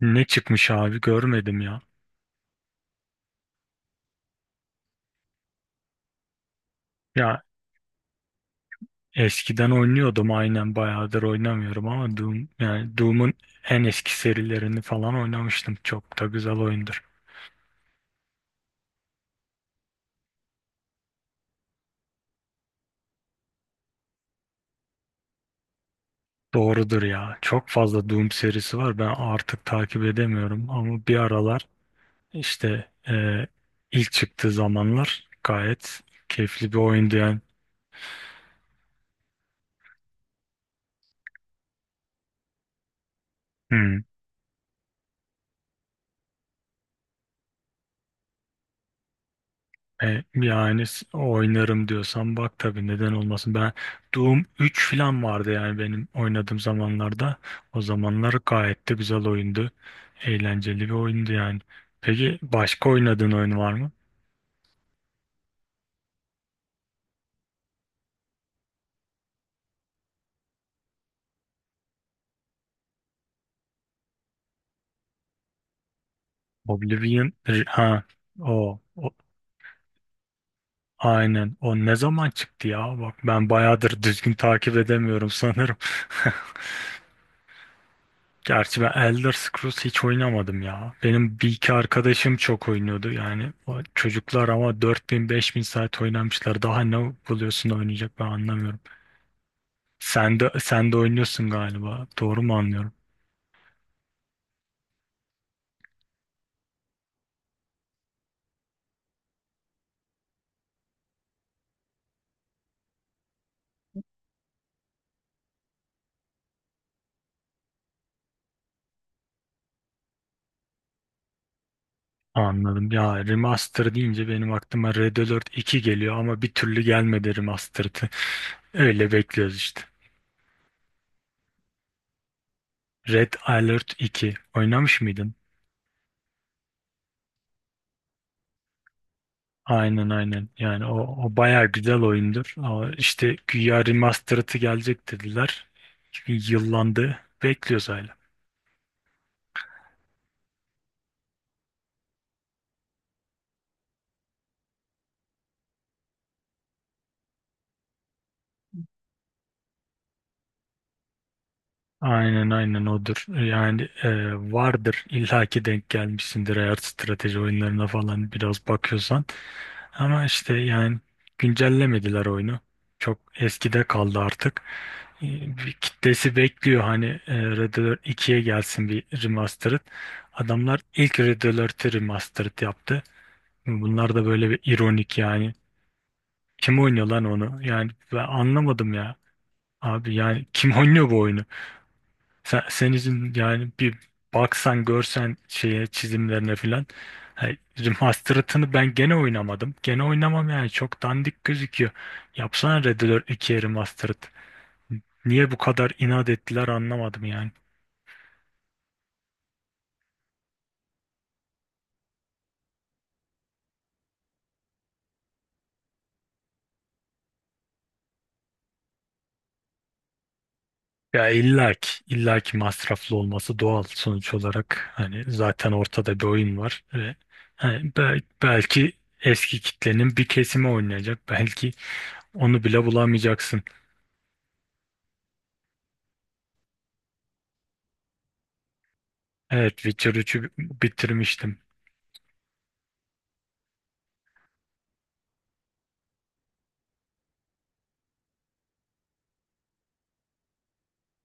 Ne çıkmış abi görmedim ya. Ya eskiden oynuyordum aynen bayağıdır oynamıyorum ama Doom yani Doom'un en eski serilerini falan oynamıştım. Çok da güzel oyundur. Doğrudur ya. Çok fazla Doom serisi var. Ben artık takip edemiyorum ama bir aralar işte ilk çıktığı zamanlar gayet keyifli bir oyundu yani. Hmm. Yani oynarım diyorsan bak tabii neden olmasın. Ben Doom 3 falan vardı yani benim oynadığım zamanlarda. O zamanlar gayet de güzel oyundu. Eğlenceli bir oyundu yani. Peki başka oynadığın oyun var mı? Ha o aynen o ne zaman çıktı ya? Bak ben bayağıdır düzgün takip edemiyorum sanırım. Gerçi ben Elder Scrolls hiç oynamadım ya. Benim bir iki arkadaşım çok oynuyordu yani. O çocuklar ama 4.000 5.000 saat oynamışlar. Daha ne buluyorsun da oynayacak ben anlamıyorum. Sen de oynuyorsun galiba. Doğru mu anlıyorum? Anladım. Ya remaster deyince benim aklıma Red Alert 2 geliyor ama bir türlü gelmedi remastered'ı. Öyle bekliyoruz işte. Red Alert 2 oynamış mıydın? Aynen aynen. Yani o bayağı güzel oyundur. Ama işte güya remastered'ı gelecek dediler. Çünkü yıllandı. Bekliyoruz hala. Aynen aynen odur. Yani vardır illaki denk gelmişsindir eğer strateji oyunlarına falan biraz bakıyorsan. Ama işte yani güncellemediler oyunu. Çok eskide kaldı artık. E, bir kitlesi bekliyor hani Red Alert 2'ye gelsin bir remastered. Adamlar ilk Red Alert'i remastered yaptı. Bunlar da böyle bir ironik yani. Kim oynuyor lan onu? Yani ben anlamadım ya. Abi yani kim oynuyor bu oyunu? Sen, senin için yani bir baksan görsen şeye çizimlerine filan. Hani Remastered'ını ben gene oynamadım. Gene oynamam yani çok dandik gözüküyor. Yapsana Red Dead 2'ye Remastered. Niye bu kadar inat ettiler anlamadım yani. Ya illaki, masraflı olması doğal sonuç olarak. Hani zaten ortada bir oyun var ve hani belki eski kitlenin bir kesimi oynayacak. Belki onu bile bulamayacaksın. Evet, Witcher 3'ü bitirmiştim.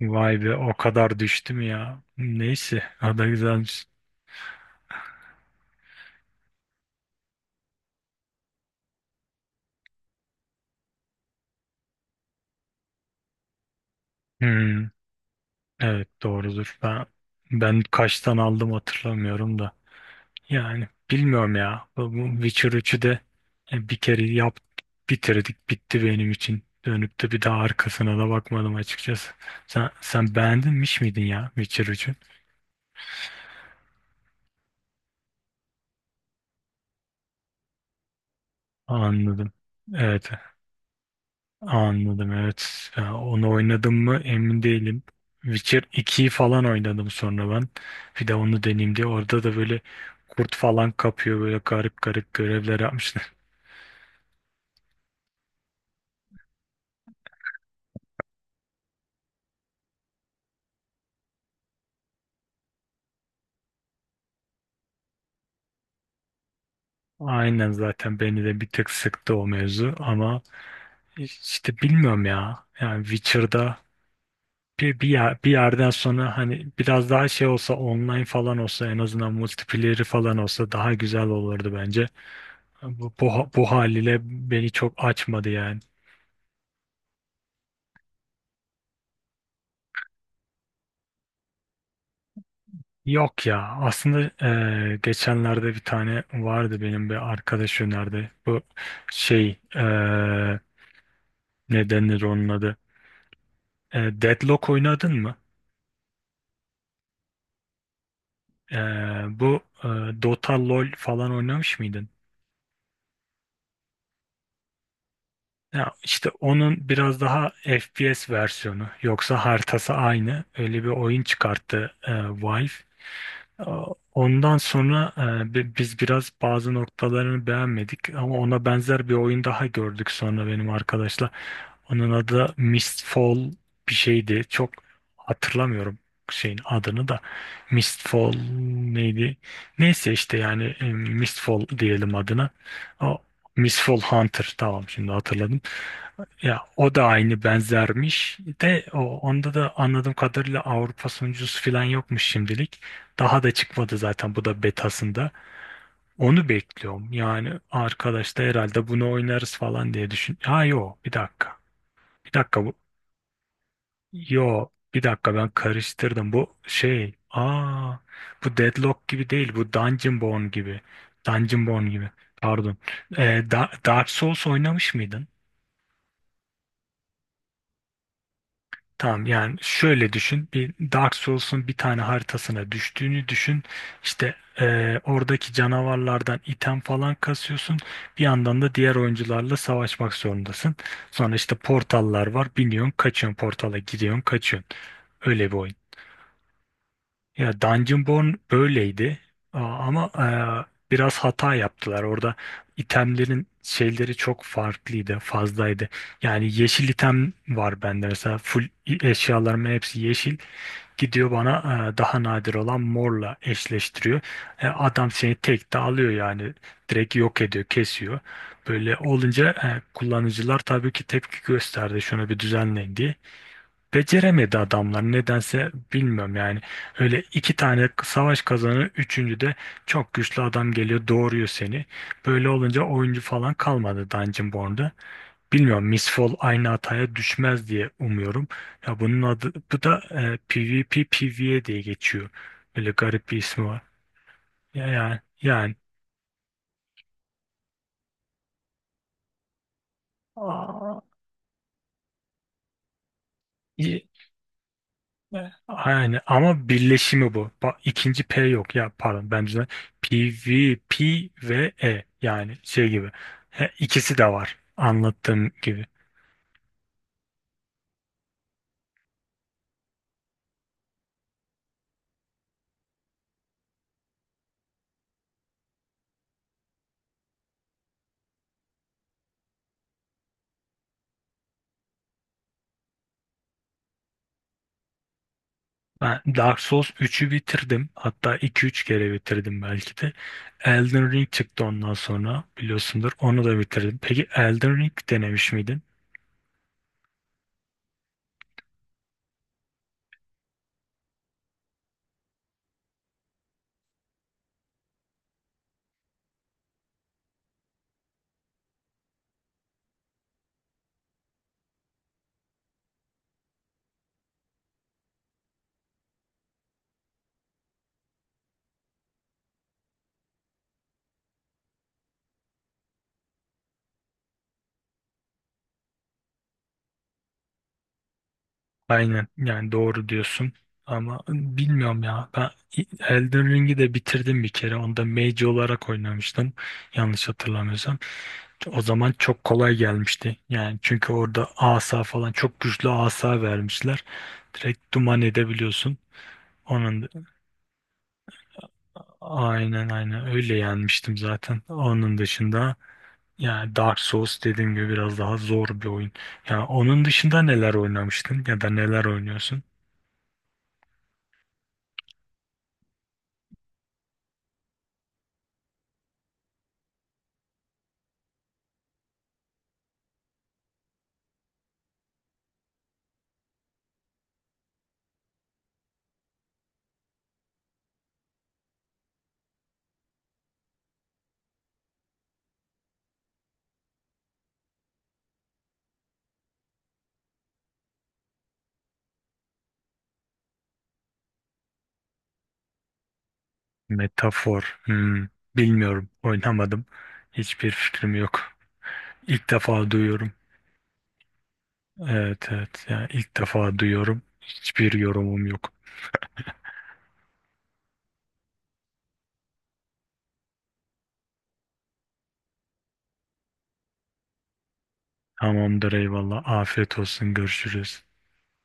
Vay be o kadar düştüm ya. Neyse, o da güzelmiş. Hmm. Evet doğrudur. Ben kaçtan aldım hatırlamıyorum da. Yani bilmiyorum ya. Bu Witcher 3'ü de bir kere bitirdik bitti benim için. Dönüp de bir daha arkasına da bakmadım açıkçası. Sen beğendin miydin ya Witcher 3'ü? Anladım. Evet. Anladım evet. Ya, onu oynadım mı emin değilim. Witcher 2'yi falan oynadım sonra ben. Bir de onu deneyeyim diye. Orada da böyle kurt falan kapıyor. Böyle garip garip görevler yapmışlar. Aynen zaten beni de bir tık sıktı o mevzu ama işte bilmiyorum ya. Yani Witcher'da bir yerden sonra hani biraz daha şey olsa online falan olsa en azından multiplayer'i falan olsa daha güzel olurdu bence. Bu haliyle beni çok açmadı yani. Yok ya aslında geçenlerde bir tane vardı benim bir arkadaş önerdi. Bu şey ne denir onun adı? Deadlock oynadın mı? Bu Dota LoL falan oynamış mıydın? Ya işte onun biraz daha FPS versiyonu yoksa haritası aynı öyle bir oyun çıkarttı Valve. Ee, Ondan sonra biz biraz bazı noktalarını beğenmedik ama ona benzer bir oyun daha gördük sonra benim arkadaşla. Onun adı Mistfall bir şeydi. Çok hatırlamıyorum şeyin adını da. Mistfall neydi? Neyse işte yani Mistfall diyelim adına. O Mistfall Hunter tamam şimdi hatırladım. Ya o da aynı benzermiş de onda da anladığım kadarıyla Avrupa sonuncusu falan yokmuş şimdilik. Daha da çıkmadı zaten bu da betasında. Onu bekliyorum. Yani arkadaş da herhalde bunu oynarız falan diye düşün. Ha yo bir dakika. Bir dakika bu. Yo bir dakika ben karıştırdım. Bu şey. Aa bu Deadlock gibi değil. Bu Dungeon Born gibi. Dungeon Born gibi. Pardon. Dark Souls oynamış mıydın? Tamam yani şöyle düşün bir Dark Souls'un bir tane haritasına düştüğünü düşün işte oradaki canavarlardan item falan kasıyorsun bir yandan da diğer oyuncularla savaşmak zorundasın sonra işte portallar var biniyorsun kaçıyorsun portala gidiyorsun kaçıyorsun öyle bir oyun. Ya Dungeonborn böyleydi ama biraz hata yaptılar. Orada itemlerin şeyleri çok farklıydı, fazlaydı. Yani yeşil item var bende mesela full eşyalarımın hepsi yeşil. Gidiyor bana daha nadir olan morla eşleştiriyor. Adam seni tek de alıyor yani direkt yok ediyor, kesiyor. Böyle olunca kullanıcılar tabii ki tepki gösterdi şunu bir düzenleyin diye beceremedi adamlar nedense bilmiyorum yani öyle iki tane savaş kazanı üçüncü de çok güçlü adam geliyor doğuruyor seni böyle olunca oyuncu falan kalmadı Dungeonborn'da bilmiyorum Miss Fall aynı hataya düşmez diye umuyorum ya bunun adı bu da PvP PvE diye geçiyor böyle garip bir ismi var ya yani Aa. Yani ama birleşimi bu. İkinci P yok ya pardon ben PVP ve E yani şey gibi. He, ikisi de var anlattığım gibi. Ben Dark Souls 3'ü bitirdim. Hatta iki üç kere bitirdim belki de. Elden Ring çıktı ondan sonra biliyorsundur. Onu da bitirdim. Peki Elden Ring denemiş miydin? Aynen yani doğru diyorsun ama bilmiyorum ya ben Elden Ring'i de bitirdim bir kere onda mage olarak oynamıştım yanlış hatırlamıyorsam o zaman çok kolay gelmişti yani çünkü orada asa falan çok güçlü asa vermişler direkt duman edebiliyorsun onun. Aynen aynen öyle yenmiştim zaten. Onun dışında yani Dark Souls dediğim gibi biraz daha zor bir oyun. Yani onun dışında neler oynamıştın ya da neler oynuyorsun? Metafor. Hmm, bilmiyorum. Oynamadım. Hiçbir fikrim yok. İlk defa duyuyorum. Evet evet. Yani ilk defa duyuyorum. Hiçbir yorumum yok. Tamamdır eyvallah. Afiyet olsun. Görüşürüz.